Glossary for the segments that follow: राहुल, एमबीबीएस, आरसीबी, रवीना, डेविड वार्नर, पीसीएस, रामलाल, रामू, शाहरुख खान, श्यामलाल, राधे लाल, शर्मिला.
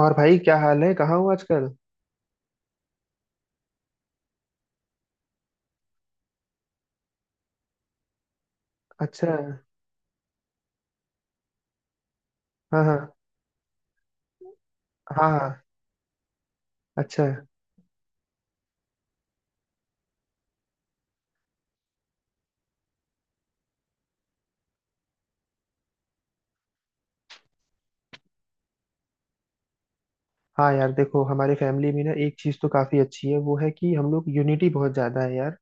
और भाई क्या हाल है? कहाँ हो आजकल? अच्छा। हाँ हाँ हाँ हाँ। अच्छा। हाँ यार देखो, हमारे फैमिली में ना एक चीज तो काफी अच्छी है, वो है कि हम लोग, यूनिटी बहुत ज्यादा है यार।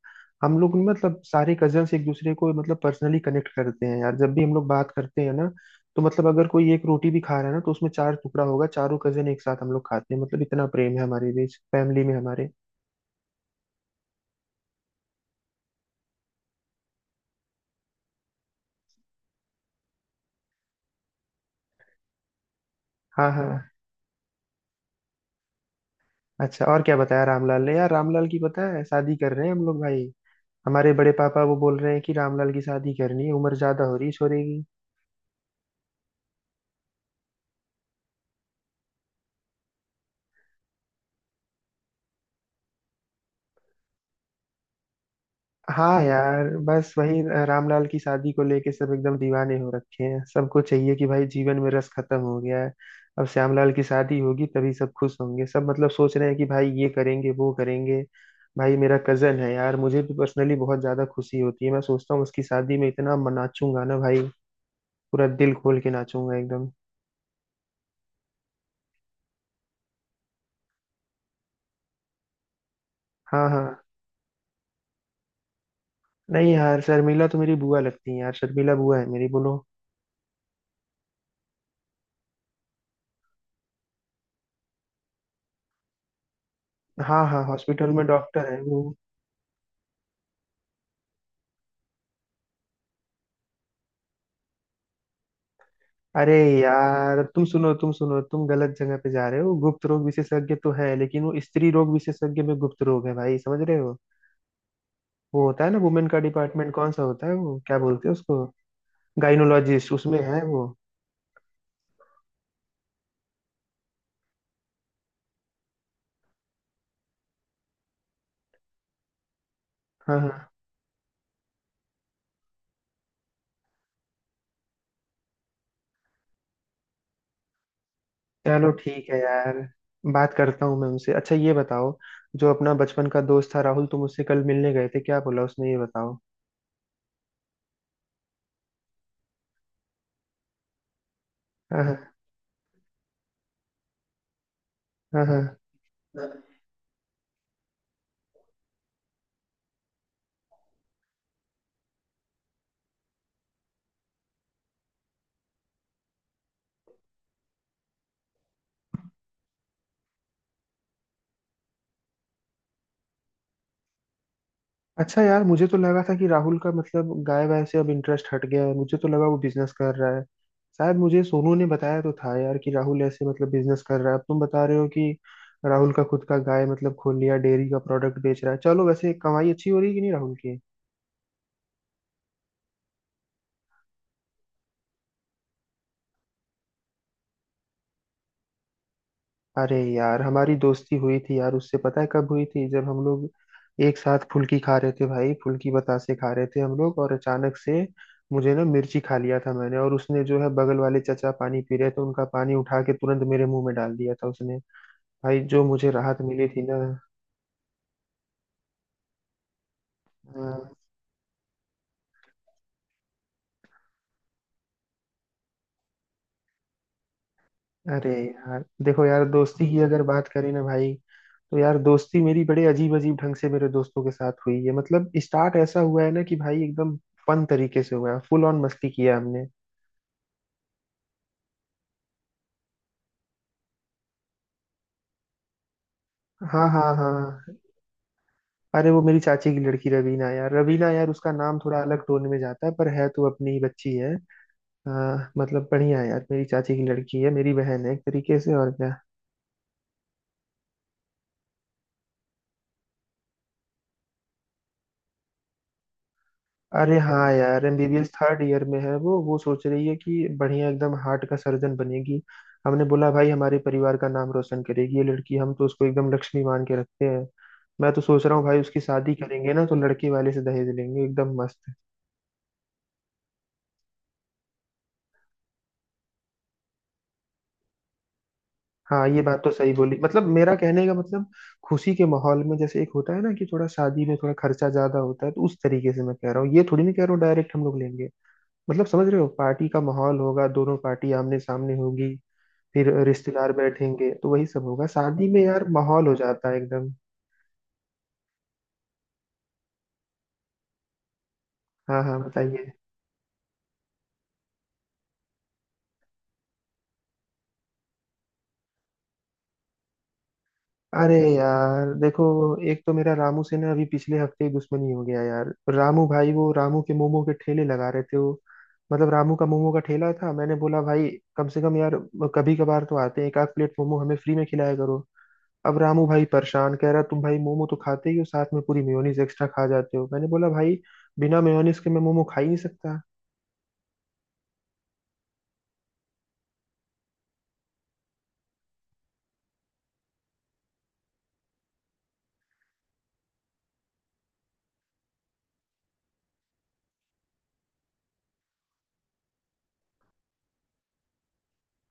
हम लोग मतलब सारे कजन्स एक दूसरे को मतलब पर्सनली कनेक्ट करते हैं यार। जब भी हम लोग बात करते हैं ना, तो मतलब अगर कोई एक रोटी भी खा रहा है ना, तो उसमें चार टुकड़ा होगा, चारों कजन एक साथ हम लोग खाते हैं। मतलब इतना प्रेम है हमारे बीच फैमिली में हमारे। हाँ हाँ। अच्छा, और क्या बताया रामलाल ने यार? रामलाल की पता है, शादी कर रहे हैं हम लोग भाई। हमारे बड़े पापा वो बोल रहे हैं कि रामलाल की शादी करनी है, उम्र ज्यादा हो रही है छोरे की। हाँ यार बस वही। रामलाल की शादी को लेके सब एकदम दीवाने हो रखे हैं। सबको चाहिए कि भाई जीवन में रस खत्म हो गया है। अब श्यामलाल की शादी होगी तभी सब खुश होंगे। सब मतलब सोच रहे हैं कि भाई ये करेंगे वो करेंगे। भाई मेरा कजन है यार, मुझे भी पर्सनली बहुत ज्यादा खुशी होती है। मैं सोचता हूँ उसकी शादी में इतना नाचूंगा ना भाई। पूरा दिल खोल के नाचूंगा एकदम। हाँ हाँ। नहीं यार, शर्मिला तो मेरी बुआ लगती है यार। शर्मिला बुआ है मेरी, बोलो। हाँ हाँ। हॉस्पिटल में डॉक्टर है वो। अरे यार तुम सुनो, तुम सुनो, तुम गलत जगह पे जा रहे हो। गुप्त रोग विशेषज्ञ तो है, लेकिन वो स्त्री रोग विशेषज्ञ में गुप्त रोग है भाई, समझ रहे हो? वो होता है ना वुमेन का डिपार्टमेंट, कौन सा होता है वो? क्या बोलते हैं उसको? गाइनोलॉजिस्ट, उसमें है वो। हाँ हाँ। चलो ठीक है यार, बात करता हूँ मैं उनसे। अच्छा ये बताओ, जो अपना बचपन का दोस्त था राहुल, तुम उससे कल मिलने गए थे, क्या बोला उसने, ये बताओ। हाँ हाँ हाँ हाँ। अच्छा यार, मुझे तो लगा था कि राहुल का मतलब गाय वाय से अब इंटरेस्ट हट गया है। मुझे तो लगा वो बिजनेस कर रहा है शायद। मुझे सोनू ने बताया तो था यार कि राहुल ऐसे मतलब बिजनेस कर रहा है। अब तुम बता रहे हो कि राहुल का खुद का गाय, मतलब खोल लिया, डेयरी का प्रोडक्ट बेच रहा है। चलो, वैसे कमाई अच्छी हो रही है कि नहीं राहुल की? अरे यार, हमारी दोस्ती हुई थी यार उससे, पता है कब हुई थी? जब हम लोग एक साथ फुल्की खा रहे थे भाई, फुल्की बतासे खा रहे थे हम लोग, और अचानक से मुझे ना मिर्ची खा लिया था मैंने। और उसने जो है, बगल वाले चचा पानी पी रहे थे, उनका पानी उठा के तुरंत मेरे मुंह में डाल दिया था उसने। भाई जो मुझे राहत मिली थी ना। हाँ। अरे यार देखो, यार दोस्ती की अगर बात करें ना भाई, तो यार दोस्ती मेरी बड़े अजीब अजीब ढंग से मेरे दोस्तों के साथ हुई है। मतलब स्टार्ट ऐसा हुआ है ना कि भाई एकदम फन तरीके से हुआ है। फुल ऑन मस्ती किया हमने। हाँ हाँ हाँ हाँ। अरे वो मेरी चाची की लड़की रवीना, यार रवीना यार, उसका नाम थोड़ा अलग टोन में जाता है, पर है तो अपनी ही बच्ची है। हाँ, मतलब बढ़िया है यार। मेरी चाची की लड़की है, मेरी बहन है एक तरीके से, और क्या। अरे हाँ यार, एमबीबीएस थर्ड ईयर में है वो। वो सोच रही है कि बढ़िया एकदम हार्ट का सर्जन बनेगी। हमने बोला भाई, हमारे परिवार का नाम रोशन करेगी ये लड़की, हम तो उसको एकदम लक्ष्मी मान के रखते हैं। मैं तो सोच रहा हूँ भाई, उसकी शादी करेंगे ना तो लड़के वाले से दहेज लेंगे एकदम मस्त। हाँ ये बात तो सही बोली। मतलब मेरा कहने का मतलब खुशी के माहौल में, जैसे एक होता है ना कि थोड़ा शादी में थोड़ा खर्चा ज्यादा होता है, तो उस तरीके से मैं कह रहा हूँ। ये थोड़ी नहीं कह रहा हूँ डायरेक्ट हम लोग लेंगे। मतलब समझ रहे हो, पार्टी का माहौल होगा, दोनों पार्टी आमने सामने होगी, फिर रिश्तेदार बैठेंगे, तो वही सब होगा। शादी में यार माहौल हो जाता है एकदम। हाँ हाँ, बताइए। अरे यार देखो, एक तो मेरा रामू से ना अभी पिछले हफ्ते ही दुश्मनी हो गया यार। रामू भाई वो रामू के मोमो के ठेले लगा रहे थे वो। मतलब रामू का मोमो का ठेला था। मैंने बोला भाई, कम से कम यार कभी कभार तो आते हैं, एक आध प्लेट मोमो हमें फ्री में खिलाया करो। अब रामू भाई परेशान, कह रहा तुम भाई मोमो तो खाते ही हो, साथ में पूरी मेयोनीज एक्स्ट्रा खा जाते हो। मैंने बोला भाई, बिना मेयोनीज के मैं मोमो खा ही नहीं सकता।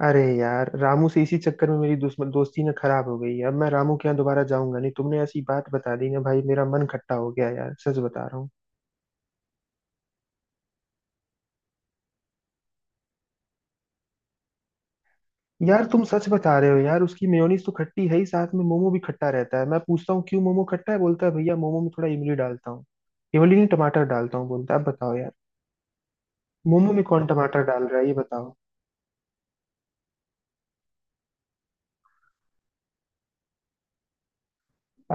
अरे यार, रामू से इसी चक्कर में मेरी दुश्मन दोस्ती ना खराब हो गई है। अब मैं रामू के यहाँ दोबारा जाऊंगा नहीं, तुमने ऐसी बात बता दी ना भाई, मेरा मन खट्टा हो गया यार, सच बता रहा हूँ। यार तुम सच बता रहे हो यार, उसकी मेयोनीज तो खट्टी है ही, साथ में मोमो भी खट्टा रहता है। मैं पूछता हूँ क्यों मोमो खट्टा है? बोलता है भैया मोमो में थोड़ा इमली डालता हूँ। इमली नहीं टमाटर डालता हूँ बोलता है, अब बताओ यार, मोमो में कौन टमाटर डाल रहा है, ये बताओ।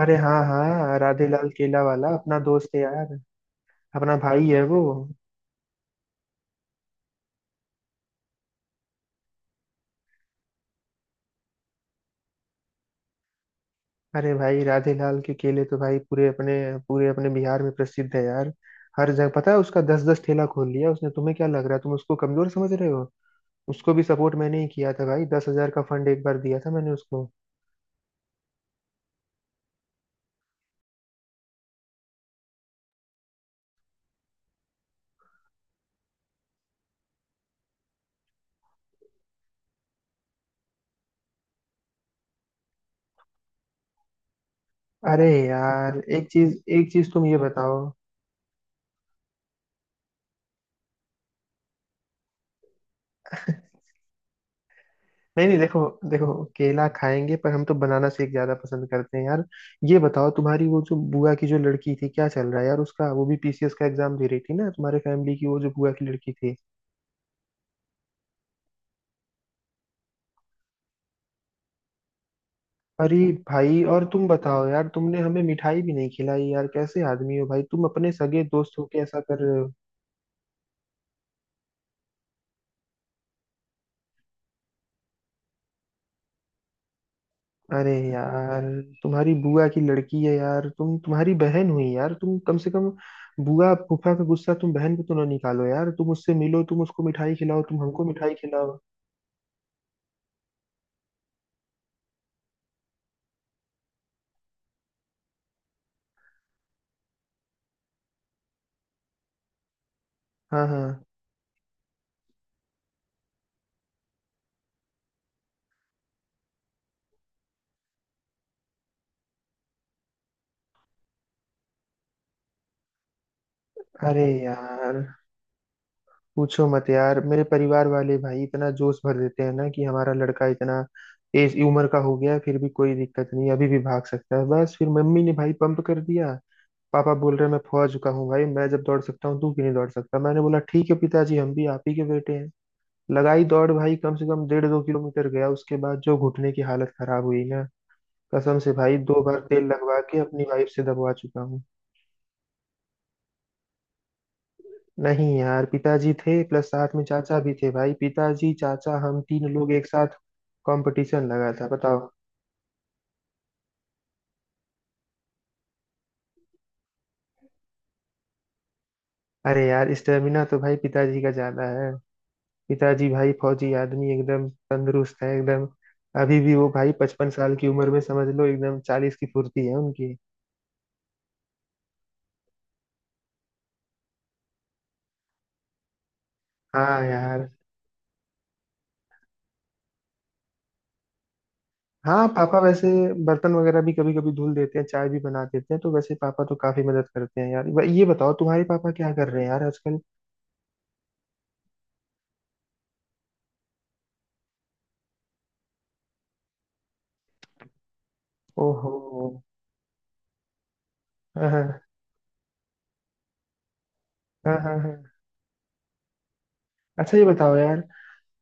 अरे हाँ हाँ, राधे लाल केला वाला अपना दोस्त है यार, अपना भाई है वो। अरे भाई, राधे लाल के केले तो भाई पूरे अपने, पूरे अपने बिहार में प्रसिद्ध है यार। हर जगह पता है उसका, दस दस ठेला खोल लिया उसने। तुम्हें क्या लग रहा है, तुम उसको कमजोर समझ रहे हो? उसको भी सपोर्ट मैंने ही किया था भाई, 10,000 का फंड एक बार दिया था मैंने उसको। अरे यार, एक चीज तुम ये बताओ। नहीं नहीं देखो, देखो केला खाएंगे पर हम तो बनाना शेक ज्यादा पसंद करते हैं यार। ये बताओ तुम्हारी वो जो बुआ की जो लड़की थी, क्या चल रहा है यार उसका? वो भी पीसीएस का एग्जाम दे रही थी ना, तुम्हारे फैमिली की वो जो बुआ की लड़की थी। अरे भाई, और तुम बताओ यार, तुमने हमें मिठाई भी नहीं खिलाई यार। कैसे आदमी हो भाई तुम, अपने सगे दोस्त हो के ऐसा कर रहे हो? अरे यार, तुम्हारी बुआ की लड़की है यार, तुम्हारी बहन हुई यार, तुम कम से कम, बुआ फूफा का गुस्सा तुम बहन पे तो ना निकालो यार। तुम उससे मिलो, तुम उसको मिठाई खिलाओ, तुम हमको मिठाई खिलाओ। हाँ हाँ। अरे यार पूछो मत यार, मेरे परिवार वाले भाई इतना जोश भर देते हैं ना कि हमारा लड़का इतना एज उम्र का हो गया है, फिर भी कोई दिक्कत नहीं, अभी भी भाग सकता है। बस फिर मम्मी ने भाई पंप कर दिया। पापा बोल रहे हैं, मैं फौज चुका हूँ भाई, मैं जब दौड़ सकता हूँ तू क्यों नहीं दौड़ सकता। मैंने बोला ठीक है पिताजी, हम भी आप ही के बेटे हैं। लगाई दौड़ भाई, कम से कम डेढ़ दो किलोमीटर गया, उसके बाद जो घुटने की हालत खराब हुई ना, कसम से भाई, दो बार तेल लगवा के अपनी वाइफ से दबवा चुका हूँ। नहीं यार, पिताजी थे, प्लस साथ में चाचा भी थे भाई। पिताजी, चाचा, हम तीन लोग एक साथ कंपटीशन लगा था, बताओ। अरे यार, स्टेमिना तो भाई पिताजी का ज्यादा है। पिताजी भाई फौजी आदमी, एकदम तंदुरुस्त है एकदम। अभी भी वो भाई 55 साल की उम्र में समझ लो एकदम 40 की फुर्ती है उनकी। हाँ यार। हाँ पापा वैसे बर्तन वगैरह भी कभी कभी धुल देते हैं, चाय भी बना देते हैं, तो वैसे पापा तो काफी मदद करते हैं यार। ये बताओ तुम्हारे पापा क्या कर रहे हैं यार आजकल? ओहो। हाँ हाँ हाँ हाँ हाँ। अच्छा ये बताओ यार,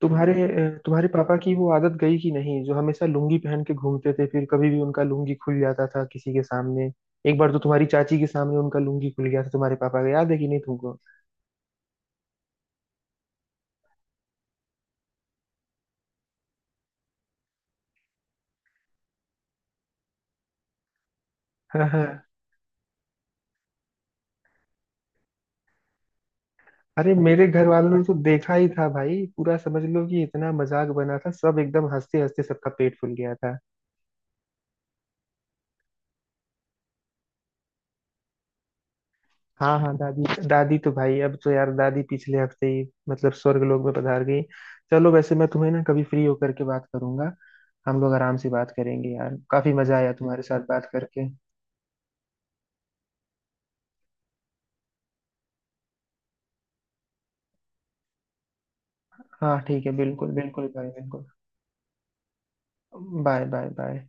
तुम्हारे पापा की वो आदत गई कि नहीं, जो हमेशा लुंगी पहन के घूमते थे, फिर कभी भी उनका लुंगी खुल जाता था किसी के सामने। एक बार तो तुम्हारी चाची के सामने उनका लुंगी खुल गया था तुम्हारे पापा का, याद है कि नहीं तुमको? हाँ हाँ। अरे मेरे घर वालों ने तो देखा ही था भाई, पूरा समझ लो कि इतना मजाक बना था, सब एकदम हंसते हंसते सबका पेट फूल गया था। हाँ हाँ दादी, दादी तो भाई अब तो यार, दादी पिछले हफ्ते ही मतलब स्वर्ग लोक में पधार गई। चलो, वैसे मैं तुम्हें ना कभी फ्री होकर के बात करूंगा। हम लोग आराम से बात करेंगे यार, काफी मजा आया तुम्हारे साथ बात करके। हाँ ठीक है, बिल्कुल बिल्कुल भाई, बिल्कुल। Bye bye bye.